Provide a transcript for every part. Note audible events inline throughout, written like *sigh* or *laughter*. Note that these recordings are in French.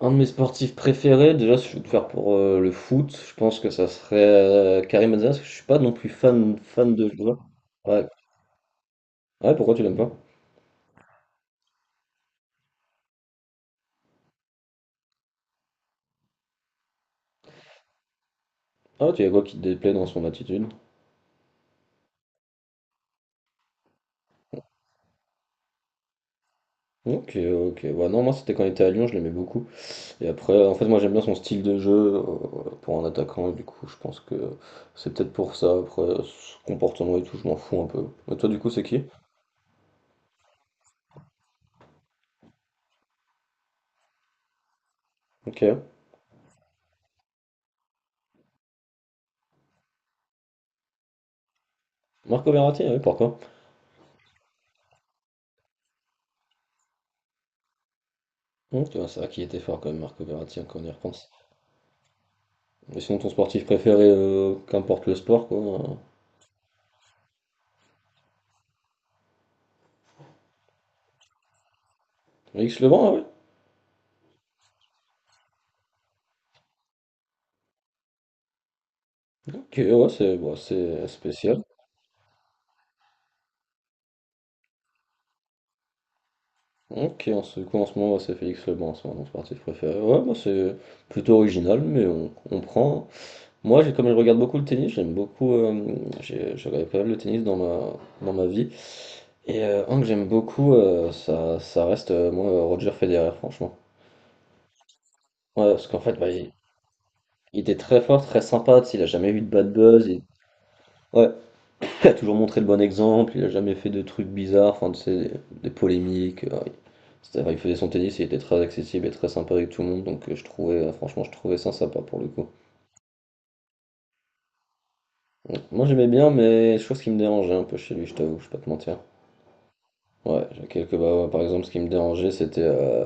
Un de mes sportifs préférés, déjà si je veux te faire pour le foot, je pense que ça serait Karim Benzema, parce que je suis pas non plus fan de joueur. Ouais. Ouais, pourquoi tu l'aimes pas? Ah, tu y a quoi qui te déplaît dans son attitude? Ok, ok. Ouais, non, moi c'était quand il était à Lyon, je l'aimais beaucoup. Et après, en fait, moi j'aime bien son style de jeu, euh, pour un attaquant, et du coup, je pense que c'est peut-être pour ça. Après, son comportement et tout, je m'en fous un peu. Mais toi, du coup, c'est qui? Ok. Marco Verratti, oui, pourquoi? Tu vois, c'est vrai qu'il était fort quand même, Marco Verratti, hein, quand on y repense. Et sinon, ton sportif préféré, qu'importe le sport, quoi. Félix Lebrun, ah ouais. Ok, ouais, c'est bah, c'est spécial. Ok, en ce, quoi, en ce moment, ouais, c'est Félix Lebrun, c'est mon sportif préféré. Ouais, moi, c'est plutôt original, mais on prend. Moi, j'ai, comme je regarde beaucoup le tennis, j'aime beaucoup. J'ai, je regardais pas mal le tennis dans ma vie. Et un que j'aime beaucoup, ça reste, moi, Roger Federer, franchement. Ouais, parce qu'en fait, bah, il était très fort, très sympa, tu sais, il a jamais eu de bad buzz. Ouais, il a toujours montré le bon exemple, il a jamais fait de trucs bizarres, enfin, tu sais, des polémiques. Il faisait son tennis, il était très accessible et très sympa avec tout le monde, donc je trouvais, franchement, je trouvais ça sympa pour le coup. Donc, moi j'aimais bien, mais chose qui me dérangeait un peu chez lui, je t'avoue, je vais pas te mentir. Ouais, j'ai quelques. Bah, ouais, par exemple, ce qui me dérangeait, c'était.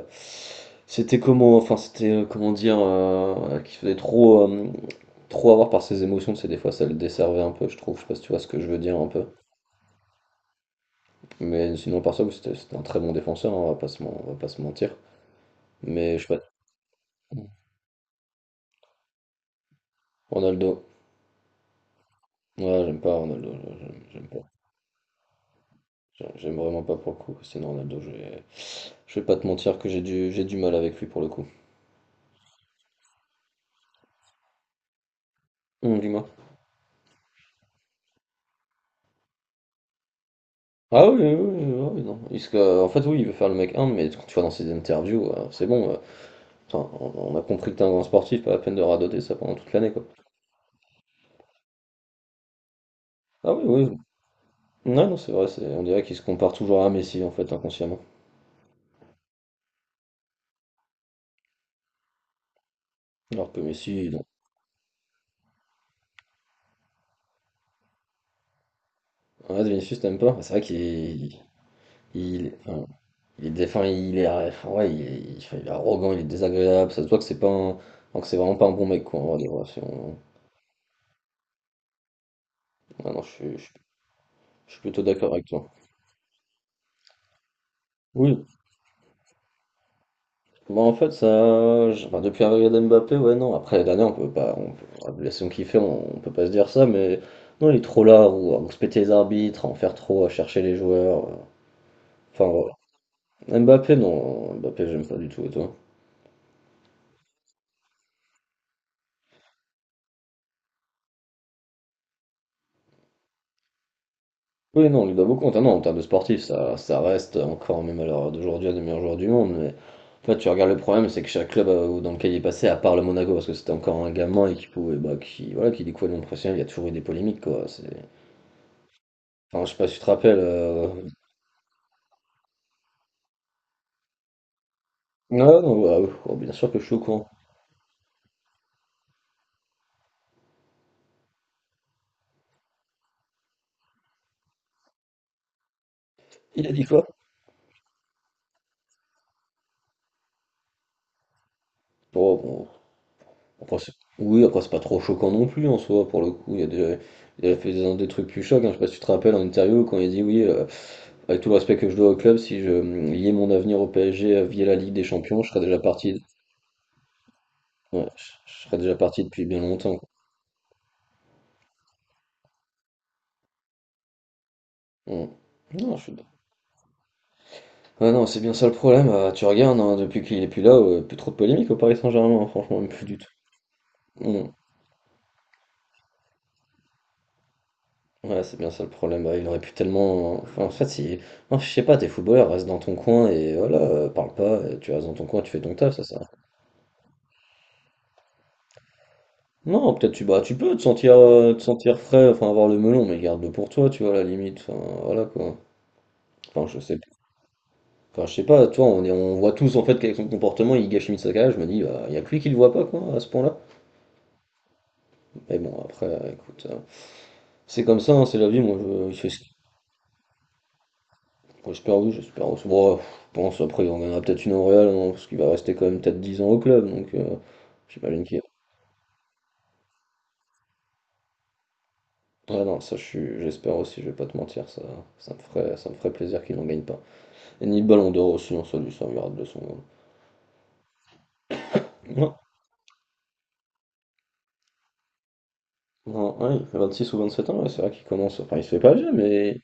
C'était comment. Enfin, c'était. Comment dire. Qu'il faisait trop avoir par ses émotions, c'est des fois ça le desservait un peu, je trouve. Je sais pas si tu vois ce que je veux dire un peu. Mais sinon, par ça, oui, c'était un très bon défenseur, hein, on va pas se mentir. Mais je sais pas. Ronaldo. Ouais, j'aime pas Ronaldo, j'aime pas. J'aime vraiment pas pour le coup. Sinon, Ronaldo, je vais pas te mentir que j'ai du mal avec lui pour le coup. Dis-moi. Ah oui, oui, oui, oui, oui, non. En fait, oui, il veut faire le mec humble, mais quand tu vois dans ses interviews, c'est bon. Putain, on a compris que t'es un grand sportif, pas la peine de radoter ça pendant toute l'année, quoi. Ah oui, oui. Non, non, c'est vrai, on dirait qu'il se compare toujours à Messi, en fait, inconsciemment. Alors que Messi, ouais, Vinicius, t'aimes pas? C'est vrai qu'est- il, enfin, il est défend, il est, ouais, enfin, ouais, il est, il enfin, il est arrogant, il est désagréable. Ça se voit que c'est pas un, enfin, que c'est vraiment pas un bon mec, quoi. En vrai, de vrai, si on- ouais, non, je suis plutôt d'accord avec toi. Oui. Bon, en fait, enfin, depuis l'arrivée d'Mbappé, ouais, non. Après les dernières, on peut pas, on peut, la saison qu'il fait, on peut pas se dire ça, mais non, il est trop là, ou à respecter les arbitres, à en faire trop, à chercher les joueurs. Enfin, voilà. Mbappé, non, Mbappé, j'aime pas du tout, et toi? Oui, non, on lui doit beaucoup. Ah non, en termes de sportif, ça reste encore, même à l'heure d'aujourd'hui, un des meilleurs joueurs du monde. Mais en fait, tu regardes le problème, c'est que chaque club dans lequel il est passé, à part le Monaco, parce que c'était encore un gamin et qui pouvait, bah, qui, voilà, qui découvrait le monde professionnel, il y a toujours eu des polémiques, quoi. C'est... Enfin, je sais pas si tu te rappelles. Non, non, voilà, oui. Oh, bien sûr que je suis au courant. Il a dit quoi? Oh, bon, après, oui, après, c'est pas trop choquant non plus en soi, pour le coup. Il y a déjà... il a fait des trucs plus chocs, hein. Je sais pas si tu te rappelles en interview quand il dit oui. Avec tout le respect que je dois au club, si je liais mon avenir au PSG via la Ligue des Champions, je serais déjà parti. Ouais, je serais déjà parti depuis bien longtemps. Quoi. Mm. Non, je suis... Ah non, c'est bien ça le problème. Tu regardes, hein, depuis qu'il est plus là, plus trop de polémique au Paris Saint-Germain, hein, franchement, même plus du tout. Mm. Ouais, c'est bien ça le problème. Bah, il aurait pu tellement. Enfin, en fait, si. Non, je sais pas, t'es footballeur, reste dans ton coin et voilà, parle pas, et tu restes dans ton coin, tu fais ton taf, ça sert. Non, peut-être tu bah, tu peux te sentir frais, enfin avoir le melon, mais garde-le pour toi, tu vois, à la limite. Enfin, voilà quoi. Enfin, je sais, enfin, je sais pas, toi, on est, on voit tous en fait qu'avec son comportement, il gâche sa. Je me dis, bah, il y a que lui qui le voit pas, quoi, à ce point-là. Mais bon, après, écoute, c'est comme ça, hein, c'est la vie. Moi, je, il fait ce qu'il- j'espère, oui, j'espère. Bon, ouais, je pense, après, il en gagnera peut-être une en Real, hein, parce qu'il va rester quand même peut-être 10 ans au club, donc j'imagine qu'il. Ouais, non, ça, je suis, j'espère aussi, je vais pas te mentir, ça me ferait plaisir qu'il n'en gagne pas. Et ni le ballon d'or aussi, non ça lui servira de leçon. Non, non, ouais, il a 26 ou sept ans, ouais, c'est vrai qu'il commence, enfin, il se fait pas vieux, mais.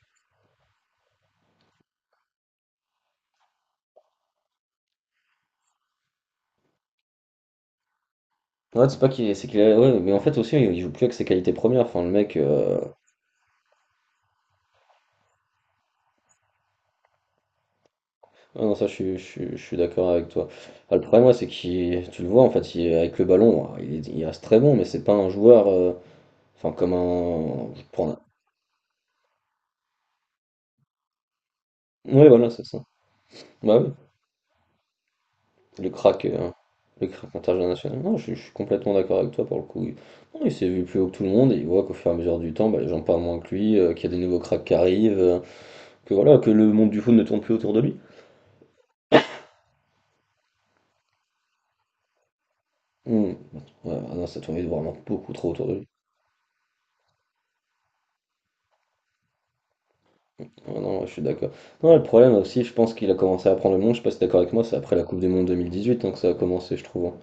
Ouais, c'est pas qu'il c'est qu'il a... ouais, mais en fait aussi il joue plus avec ses qualités premières. Enfin le mec, ah non ça je suis d'accord avec toi. Enfin, le problème ouais, c'est qu'il, tu le vois en fait, il- avec le ballon, hein, il, est- il reste très bon, mais c'est pas un joueur, enfin comme un, je prends, ouais voilà c'est ça. Bah oui, le crack, euh, le crack international. Non, je suis complètement d'accord avec toi pour le coup. Il, non, il s'est vu plus haut que tout le monde et il voit qu'au fur et à mesure du temps, bah, les gens parlent moins que lui, qu'il y a des nouveaux cracks qui arrivent, que voilà, que le monde du foot ne tourne plus autour de lui. Mmh. Ouais, ah non, ça tournait vraiment beaucoup trop autour de lui. Ah non, ouais, je suis d'accord. Non, le problème aussi, je pense qu'il a commencé à prendre le monde, je sais pas si t'es d'accord avec moi, c'est après la Coupe du Monde 2018 hein, que ça a commencé, je trouve. Hein.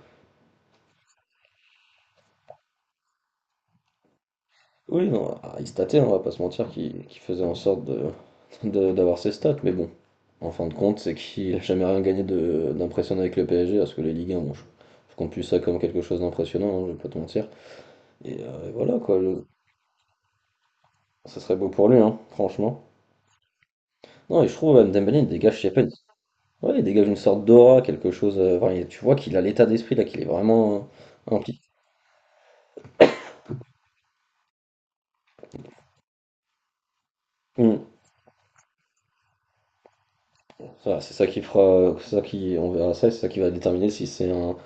Oui, non, Aris Tate, on va pas se mentir, qu'il faisait en sorte de, *laughs* d'avoir ses stats, mais bon, en fin de compte, c'est qu'il a jamais rien gagné d'impressionnant avec le PSG, parce que les Ligue un bon, je compte plus ça comme quelque chose d'impressionnant, hein, je vais pas te mentir. Et voilà, quoi, le- ça serait beau pour lui, hein, franchement. Non, et je trouve Dembélé, il dégage, je sais pas, ouais, il dégage une sorte d'aura, quelque chose, enfin, il tu vois qu'il a l'état d'esprit là, qu'il est vraiment impliqué. Mmh. Voilà, c'est ça qui fera c'est ça qui on verra ça et c'est ça qui va déterminer si c'est un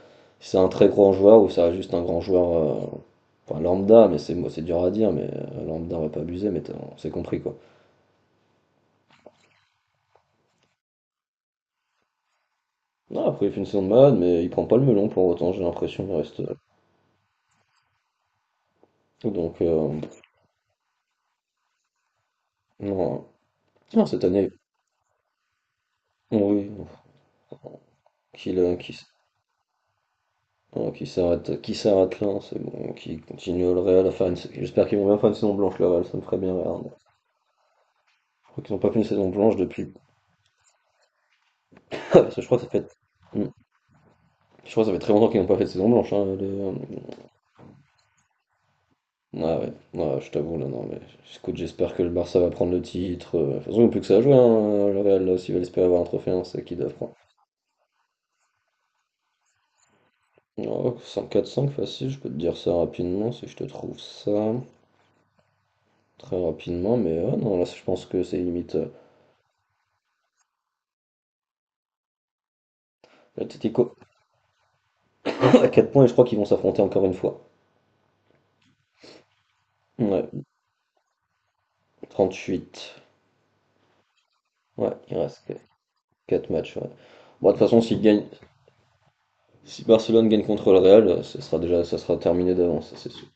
si c'est un très grand joueur ou ça reste juste un grand joueur, enfin lambda, mais c'est moi c'est dur à dire, mais lambda on va pas abuser, mais tu on s'est compris quoi. Non, après il fait une saison de malade, mais il prend pas le melon pour autant, j'ai l'impression, il reste, donc non. Non cette année oui, qu'il bon, qui s'arrête là, c'est bon, qui continue le Real à faire une... J'espère qu'ils vont bien faire une saison blanche, le Real, ça me ferait bien rire. Je crois qu'ils n'ont pas fait une saison blanche depuis... *laughs* Parce que je crois que ça fait... Hmm. Je crois que ça fait très longtemps qu'ils n'ont pas fait de saison blanche. Hein, ah ouais, ah, je t'avoue, là, non, mais écoute, j'espère que le Barça va prendre le titre. De toute façon, ils n'ont plus que ça à jouer, hein, le Real, là, s'ils veulent espérer avoir un trophée, hein, c'est qu'ils doivent prendre. Oh, 5 4 facile, je peux te dire ça rapidement si je te trouve ça. Très rapidement, mais ah, non, là, je pense que c'est limite... L'Atlético, à 4 points et je crois qu'ils vont s'affronter encore une fois. Ouais, trente-huit. Ouais, il reste 4 matchs. Ouais. Bon, de toute façon, si Barcelone gagne contre le Real, ça sera déjà ça sera terminé d'avance, c'est sûr.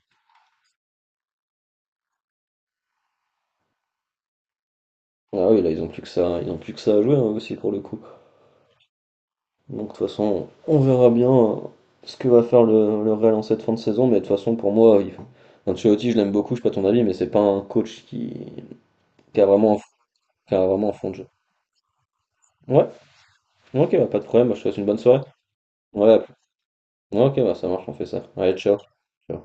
Ah oui, là, ils ont plus que ça, ils ont plus que ça à jouer hein, aussi pour le coup. Donc, de toute façon, on verra bien ce que va faire le Real en cette fin de saison, mais de toute façon, pour moi, il... Ancelotti, je l'aime beaucoup, je sais pas ton avis, mais c'est pas un coach qui a vraiment un, fond de jeu. Ouais, ok, bah, pas de problème, je te souhaite une bonne soirée. Ouais, à plus. Ok, bah ça marche, on fait ça. Allez, ciao. Ciao.